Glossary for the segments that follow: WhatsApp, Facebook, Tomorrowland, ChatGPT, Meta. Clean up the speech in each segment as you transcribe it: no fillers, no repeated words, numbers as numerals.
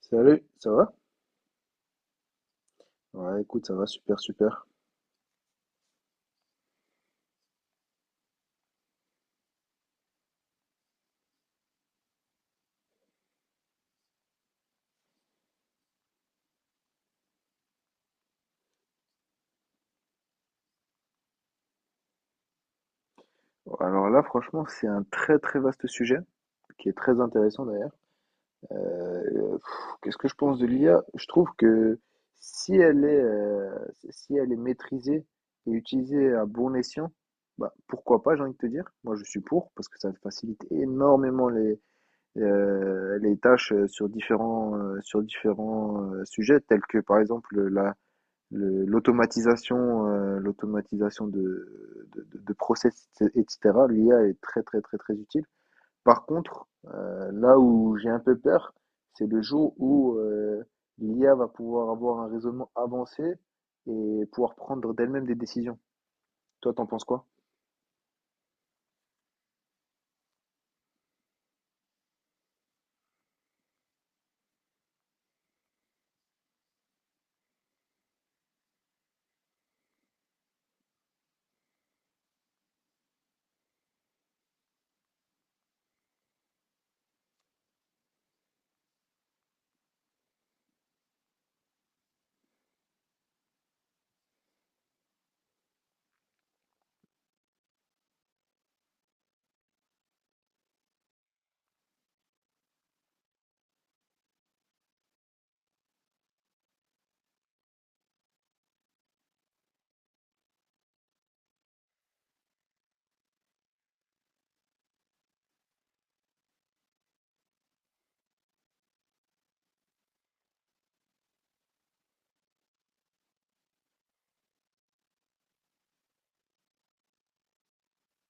Salut, ça va? Ouais, écoute, ça va super, super. Alors là, franchement, c'est un très très vaste sujet, qui est très intéressant d'ailleurs. Qu'est-ce que je pense de l'IA? Je trouve que si elle est, euh, si elle est maîtrisée et utilisée à bon escient, bah, pourquoi pas, j'ai envie de te dire. Moi, je suis pour, parce que ça facilite énormément les tâches sur différents sujets, tels que par exemple l'automatisation de process, etc. L'IA est très, très, très, très utile. Par contre, là où j'ai un peu peur, c'est le jour où l'IA va pouvoir avoir un raisonnement avancé et pouvoir prendre d'elle-même des décisions. Toi, t'en penses quoi?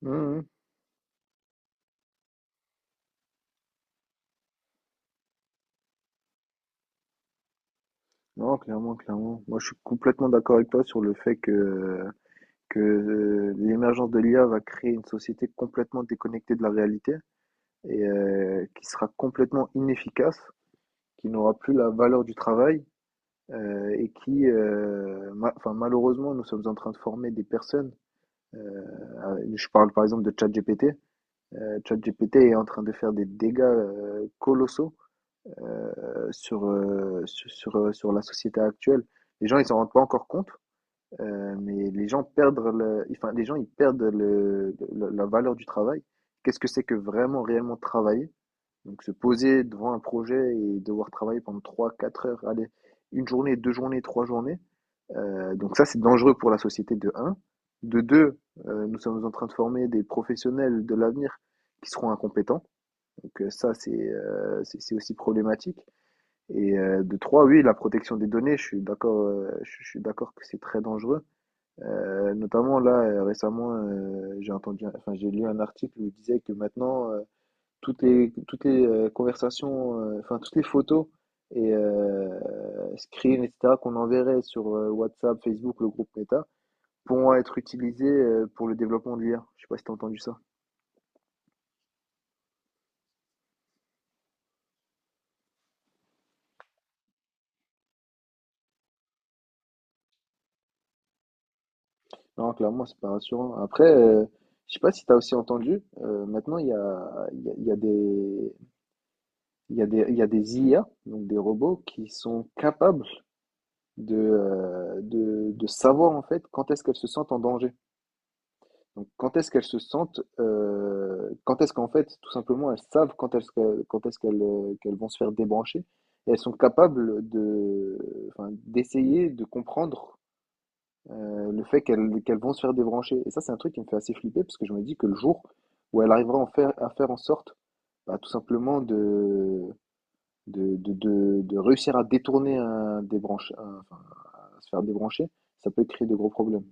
Mhm. Non, clairement, clairement. Moi, je suis complètement d'accord avec toi sur le fait que l'émergence de l'IA va créer une société complètement déconnectée de la réalité, et qui sera complètement inefficace, qui n'aura plus la valeur du travail, et qui, enfin, malheureusement, nous sommes en train de former des personnes. Je parle par exemple de ChatGPT. ChatGPT est en train de faire des dégâts colossaux euh, sur la société actuelle. Les gens, ils s'en rendent pas encore compte, mais les gens perdent le, enfin, les gens, ils perdent la valeur du travail. Qu'est-ce que c'est que vraiment réellement travailler? Donc se poser devant un projet et devoir travailler pendant trois, quatre heures, allez, une journée, deux journées, trois journées. Donc ça, c'est dangereux pour la société de un. De 2, nous sommes en train de former des professionnels de l'avenir qui seront incompétents. Donc ça, c'est aussi problématique. Et de trois, oui, la protection des données, je suis d'accord, je suis d'accord que c'est très dangereux. Notamment là, récemment, j'ai entendu, enfin j'ai lu un article où il disait que maintenant, toutes les conversations, enfin toutes les photos et screens, etc., qu'on enverrait sur WhatsApp, Facebook, le groupe Meta, pourront être utilisées pour le développement de l'IA. Je sais pas si tu as entendu ça. Non, clairement, c'est pas rassurant. Après, je sais pas si tu as aussi entendu, maintenant, il y a des IA, donc des robots, qui sont capables de savoir en fait quand est-ce qu'elles se sentent en danger. Donc, quand est-ce qu'elles se sentent, quand est-ce qu'en fait, tout simplement, elles savent qu'elles vont se faire débrancher et elles sont capables de, enfin, d'essayer de comprendre le fait qu'elles vont se faire débrancher. Et ça, c'est un truc qui me fait assez flipper parce que je me dis que le jour où elle arrivera à en faire, à faire en sorte, bah, tout simplement, de réussir à détourner un débranche, enfin, à se faire débrancher, ça peut créer de gros problèmes.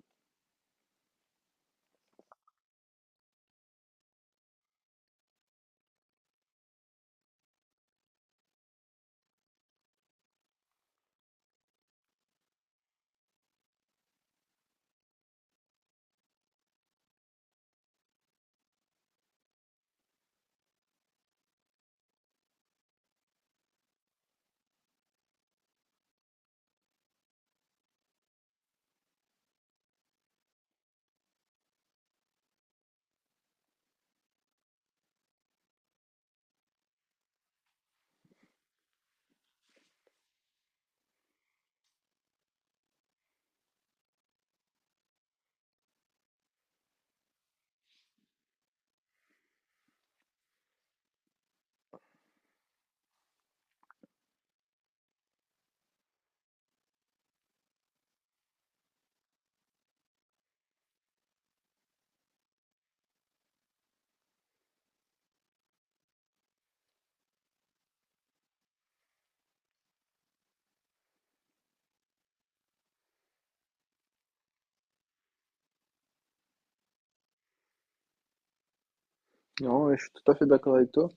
Non, ouais, je suis tout à fait d'accord avec toi.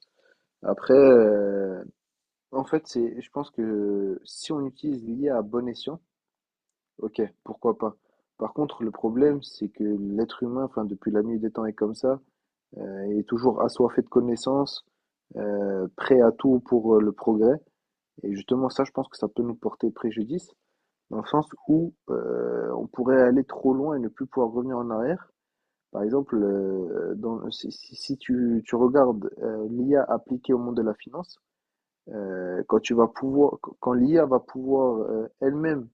Après, En fait, c'est, je pense que si on utilise l'IA à bon escient, ok, pourquoi pas. Par contre, le problème, c'est que l'être humain, enfin, depuis la nuit des temps est comme ça, est toujours assoiffé de connaissances, prêt à tout pour le progrès. Et justement, ça, je pense que ça peut nous porter préjudice, dans le sens où on pourrait aller trop loin et ne plus pouvoir revenir en arrière. Par exemple, si tu regardes l'IA appliquée au monde de la finance, quand tu vas pouvoir, quand l'IA va pouvoir elle-même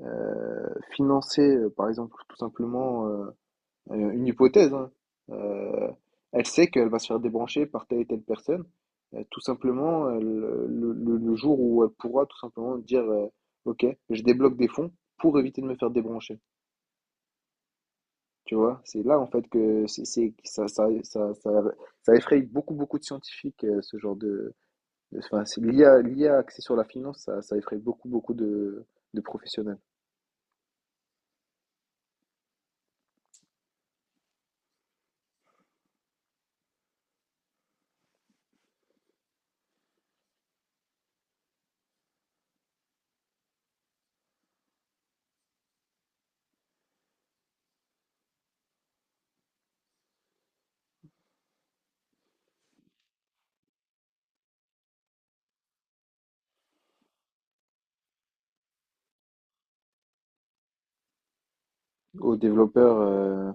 financer, par exemple, tout simplement une hypothèse, hein, euh, elle sait qu'elle va se faire débrancher par telle et telle personne. Tout simplement, le jour où elle pourra tout simplement dire, OK, je débloque des fonds pour éviter de me faire débrancher. Tu vois, c'est là en fait que ça effraie beaucoup, beaucoup de scientifiques, ce genre de, enfin, l'IA, a l'I A axée sur la finance, ça effraie beaucoup, beaucoup de professionnels. Aux développeurs,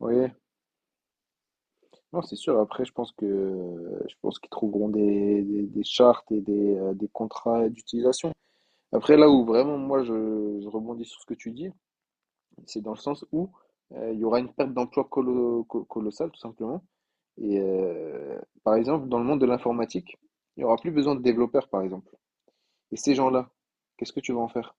oui, non, c'est sûr. Après, je pense qu'ils trouveront des chartes et des contrats d'utilisation. Après, là où vraiment moi je rebondis sur ce que tu dis, c'est dans le sens où il y aura une perte d'emploi colossale, tout simplement. Et par exemple, dans le monde de l'informatique, il n'y aura plus besoin de développeurs, par exemple. Et ces gens-là, qu'est-ce que tu vas en faire?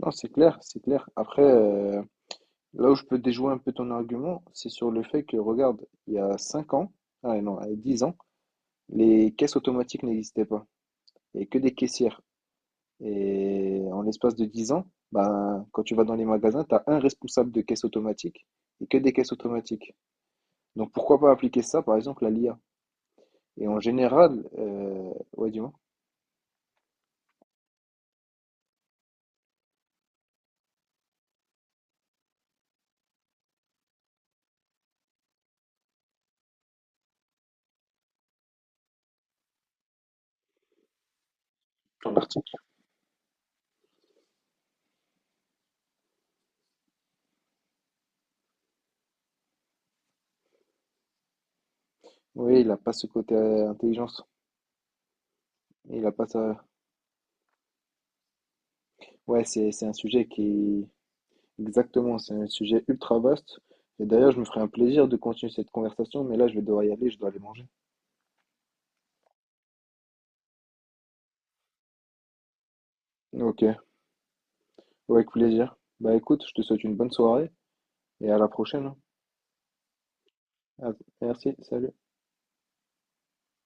Non, c'est clair, c'est clair. Après, là où je peux déjouer un peu ton argument, c'est sur le fait que, regarde, il y a 5 ans, ah non, il y a 10 ans, les caisses automatiques n'existaient pas. Il n'y avait que des caissières. Et en l'espace de 10 ans, ben, quand tu vas dans les magasins, tu as un responsable de caisse automatique et que des caisses automatiques. Donc pourquoi pas appliquer ça, par exemple, à l'IA? Et en général, ouais, dis-moi. En partie. Oui, il n'a pas ce côté intelligence. Il a pas ça. Ouais, c'est un sujet qui, exactement, c'est un sujet ultra vaste. Et d'ailleurs, je me ferai un plaisir de continuer cette conversation, mais là, je vais devoir y aller, je dois aller manger. Ok, ouais, avec plaisir. Bah écoute, je te souhaite une bonne soirée et à la prochaine, hein. Ah, merci, salut.